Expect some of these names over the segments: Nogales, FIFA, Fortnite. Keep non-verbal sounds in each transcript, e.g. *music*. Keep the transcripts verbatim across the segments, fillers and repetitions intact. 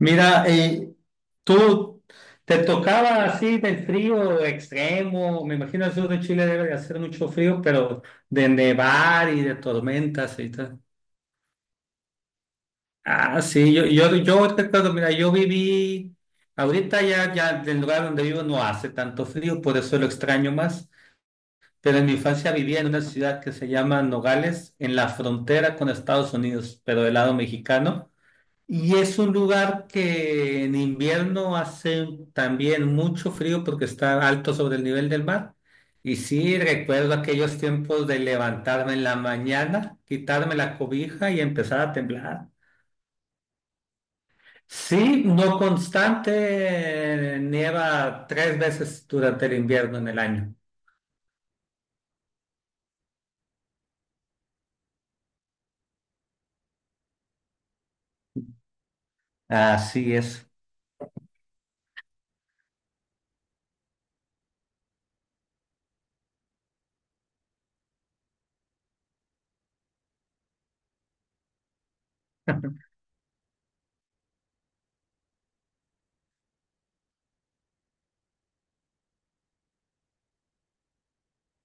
Mira, eh, tú te tocaba así del frío extremo. Me imagino el sur de Chile debe de hacer mucho frío, pero de nevar y de tormentas y tal. Ah, sí, yo, yo, yo recuerdo, mira, yo viví, ahorita ya, ya del lugar donde vivo no hace tanto frío, por eso lo extraño más, pero en mi infancia vivía en una ciudad que se llama Nogales, en la frontera con Estados Unidos, pero del lado mexicano. Y es un lugar que en invierno hace también mucho frío porque está alto sobre el nivel del mar. Y sí, recuerdo aquellos tiempos de levantarme en la mañana, quitarme la cobija y empezar a temblar. Sí, no constante, eh, nieva tres veces durante el invierno en el año. Así es.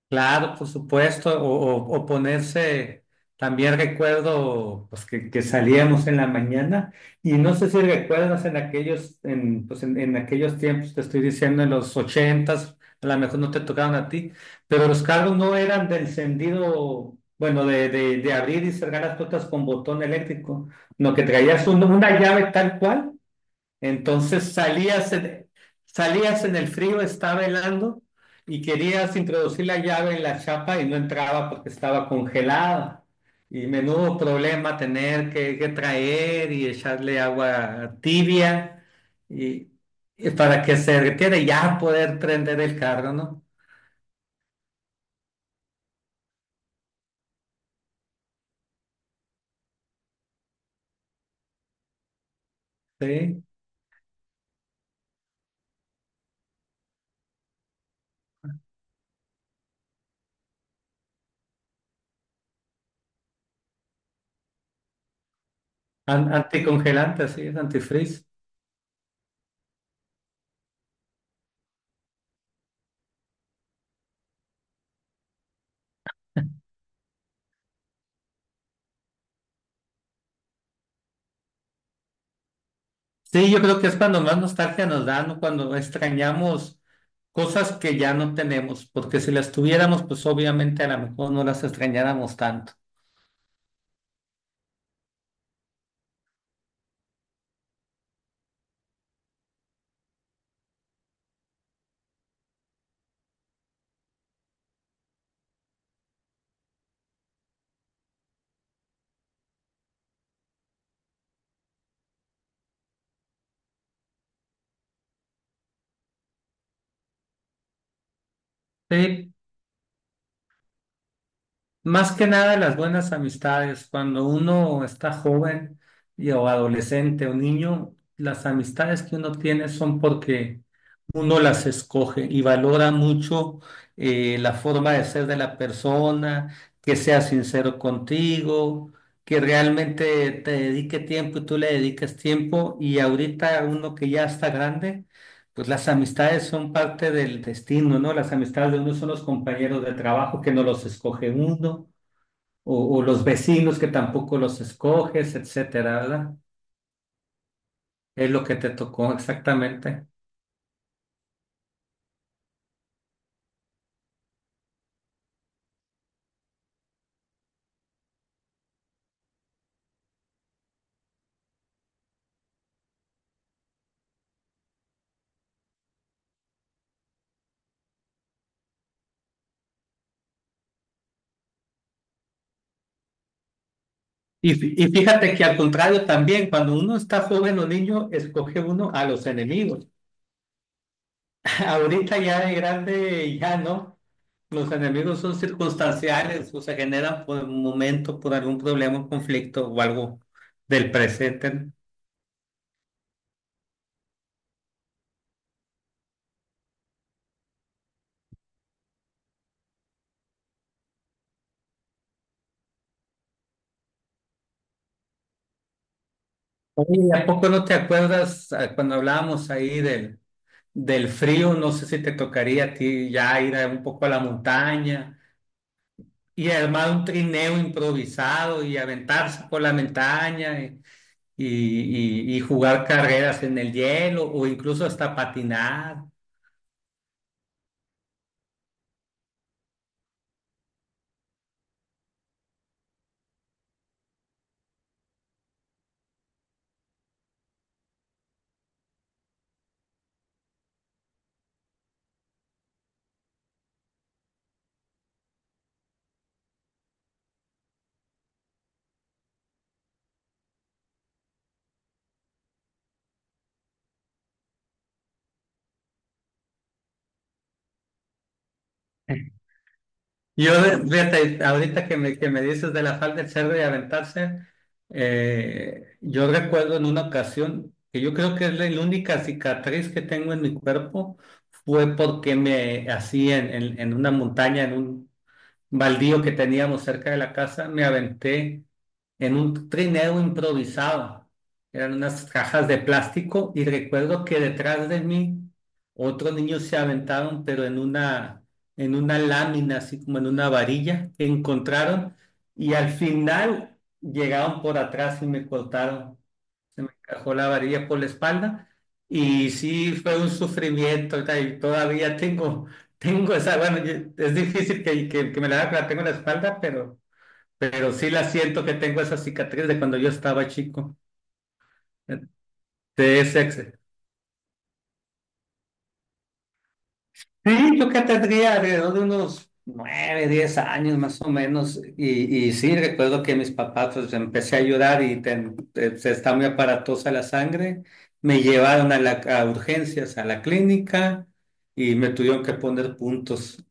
Claro, por supuesto, o, o- o ponerse, también recuerdo pues, que, que salíamos en la mañana y no sé si recuerdas en aquellos, en, pues, en, en aquellos tiempos, te estoy diciendo en los ochentas, a lo mejor no te tocaron a ti, pero los carros no eran de encendido, bueno, de, de, de abrir y cerrar las puertas con botón eléctrico, no que traías un- una llave tal cual. Entonces salías en, salías en el frío, estaba helando y querías introducir la llave en la chapa y no entraba porque estaba congelada. Y menudo problema tener que, que traer y echarle agua tibia y, y para que se derritiera y ya poder prender el carro, ¿no? Sí, An- anticongelante, sí, es antifreeze. Sí, yo creo que es cuando más nostalgia nos dan, ¿no? Cuando extrañamos cosas que ya no tenemos, porque si las tuviéramos, pues obviamente a lo mejor no las extrañáramos tanto. Sí, más que nada las buenas amistades. Cuando uno está joven y, o adolescente o niño, las amistades que uno tiene son porque uno las escoge y valora mucho eh, la forma de ser de la persona, que sea sincero contigo, que realmente te dedique tiempo y tú le dediques tiempo. Y ahorita uno que ya está grande, pues las amistades son parte del destino, ¿no? Las amistades de uno son los compañeros de trabajo que no los escoge uno o, o los vecinos que tampoco los escoges, etcétera, ¿verdad? Es lo que te tocó exactamente. Y, fí- y fíjate que al contrario también, cuando uno está joven o niño, escoge uno a los enemigos. *laughs* Ahorita ya de grande, ya no. Los enemigos son circunstanciales o se generan por un momento, por algún problema, un conflicto o algo del presente, ¿no? Oye, ¿y a poco no te acuerdas, eh, cuando hablábamos ahí del del frío? No sé si te tocaría a ti ya ir a- un poco a la montaña y armar un trineo improvisado y aventarse por la montaña y y- y- y jugar carreras en el hielo o incluso hasta patinar. Yo, fíjate, ahorita que me, que me dices de la falda del cerdo y aventarse, eh, yo recuerdo en una ocasión que yo creo que es la, la única cicatriz que tengo en mi cuerpo, fue porque me hacían en, en una montaña, en un baldío que teníamos cerca de la casa. Me aventé en un trineo improvisado. Eran unas cajas de plástico y recuerdo que detrás de mí otros niños se aventaron, pero en una, en una lámina, así como en una varilla que encontraron, y al final llegaron por atrás y me cortaron, se me encajó la varilla por la espalda y sí fue un sufrimiento. O sea, y todavía tengo, tengo esa, bueno, yo- es difícil que, que, que me la, la tengo en la espalda, pero, pero, sí la siento que tengo esa cicatriz de cuando yo estaba chico. de ese, ex- Sí, yo que tendría alrededor de unos nueve, diez años más o menos, y, y sí, recuerdo que mis papás, pues empecé a llorar y ten- eh, se está muy aparatosa la sangre. Me llevaron a, la, a urgencias, a la clínica, y me tuvieron que poner puntos.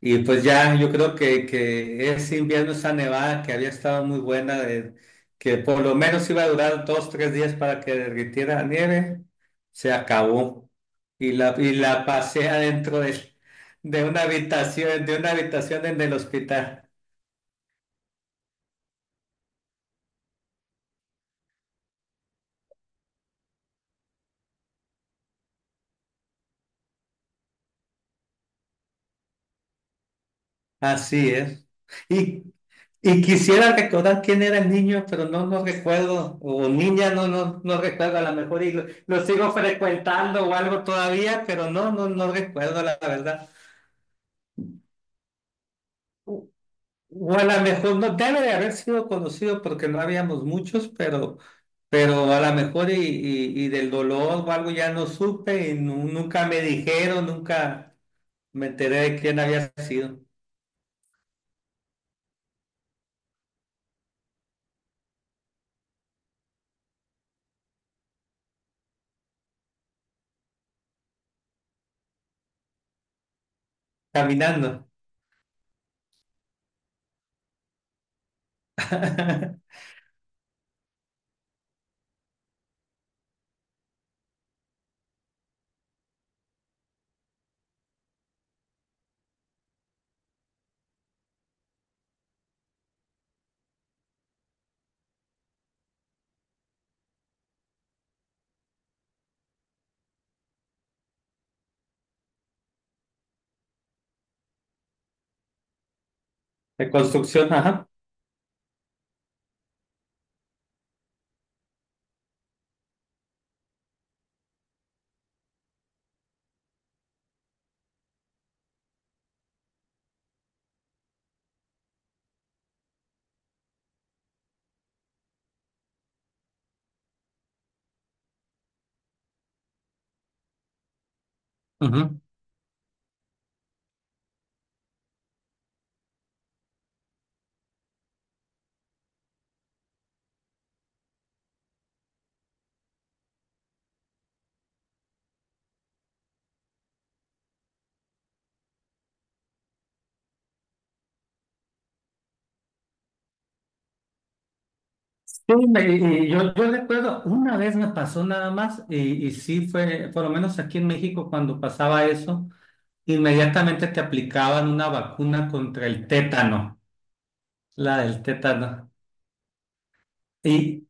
Y pues ya, yo creo que, que ese invierno, esa nevada que había estado muy buena, de- que por lo menos iba a durar dos, tres días para que derritiera la nieve, se acabó. Y la, y la pasé adentro de, de una habitación, de una habitación en el hospital. Así es. Y, y quisiera recordar quién era el niño, pero no, no recuerdo, o niña, no, no, no recuerdo, a lo mejor y lo, lo sigo frecuentando o algo todavía, pero no, no, no recuerdo la verdad. O a lo mejor no debe de haber sido conocido porque no habíamos muchos, pero, pero a lo mejor y, y- y del dolor o algo ya no supe y nu- nunca me dijeron, nunca me enteré de quién había sido. Caminando. *laughs* De construcción, ajá. Ujú. Sí, me- y- y yo, yo recuerdo, una vez me pasó nada más y, y sí fue, por lo menos aquí en México cuando pasaba eso, inmediatamente te aplicaban una vacuna contra el tétano, la del tétano. Y,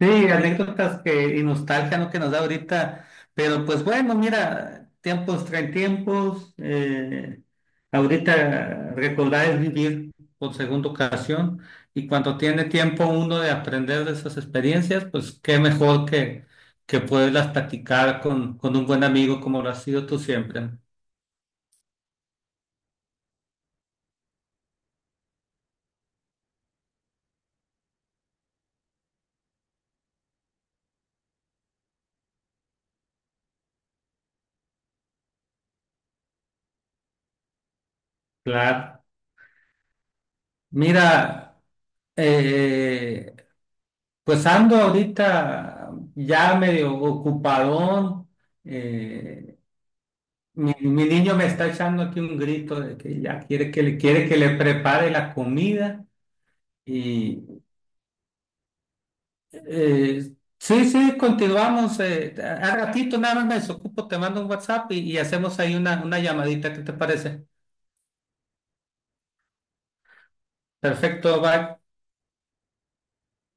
sí, anécdotas que, y nostalgia, ¿no? Que nos da ahorita, pero pues bueno, mira, tiempos traen tiempos, eh, ahorita recordar es vivir por segunda ocasión, y cuando tiene tiempo uno de aprender de esas experiencias, pues qué mejor que, que poderlas platicar con, con un buen amigo como lo has sido tú siempre. Claro. Mira, eh, pues ando ahorita ya medio ocupadón. eh, Mi, mi niño me está echando aquí un grito de que ya quiere que le quiere que le prepare la comida y eh, sí, sí, continuamos. Eh, a ratito nada más me desocupo, te mando un WhatsApp y, y hacemos ahí una, una llamadita, ¿qué te parece? Perfecto, bye.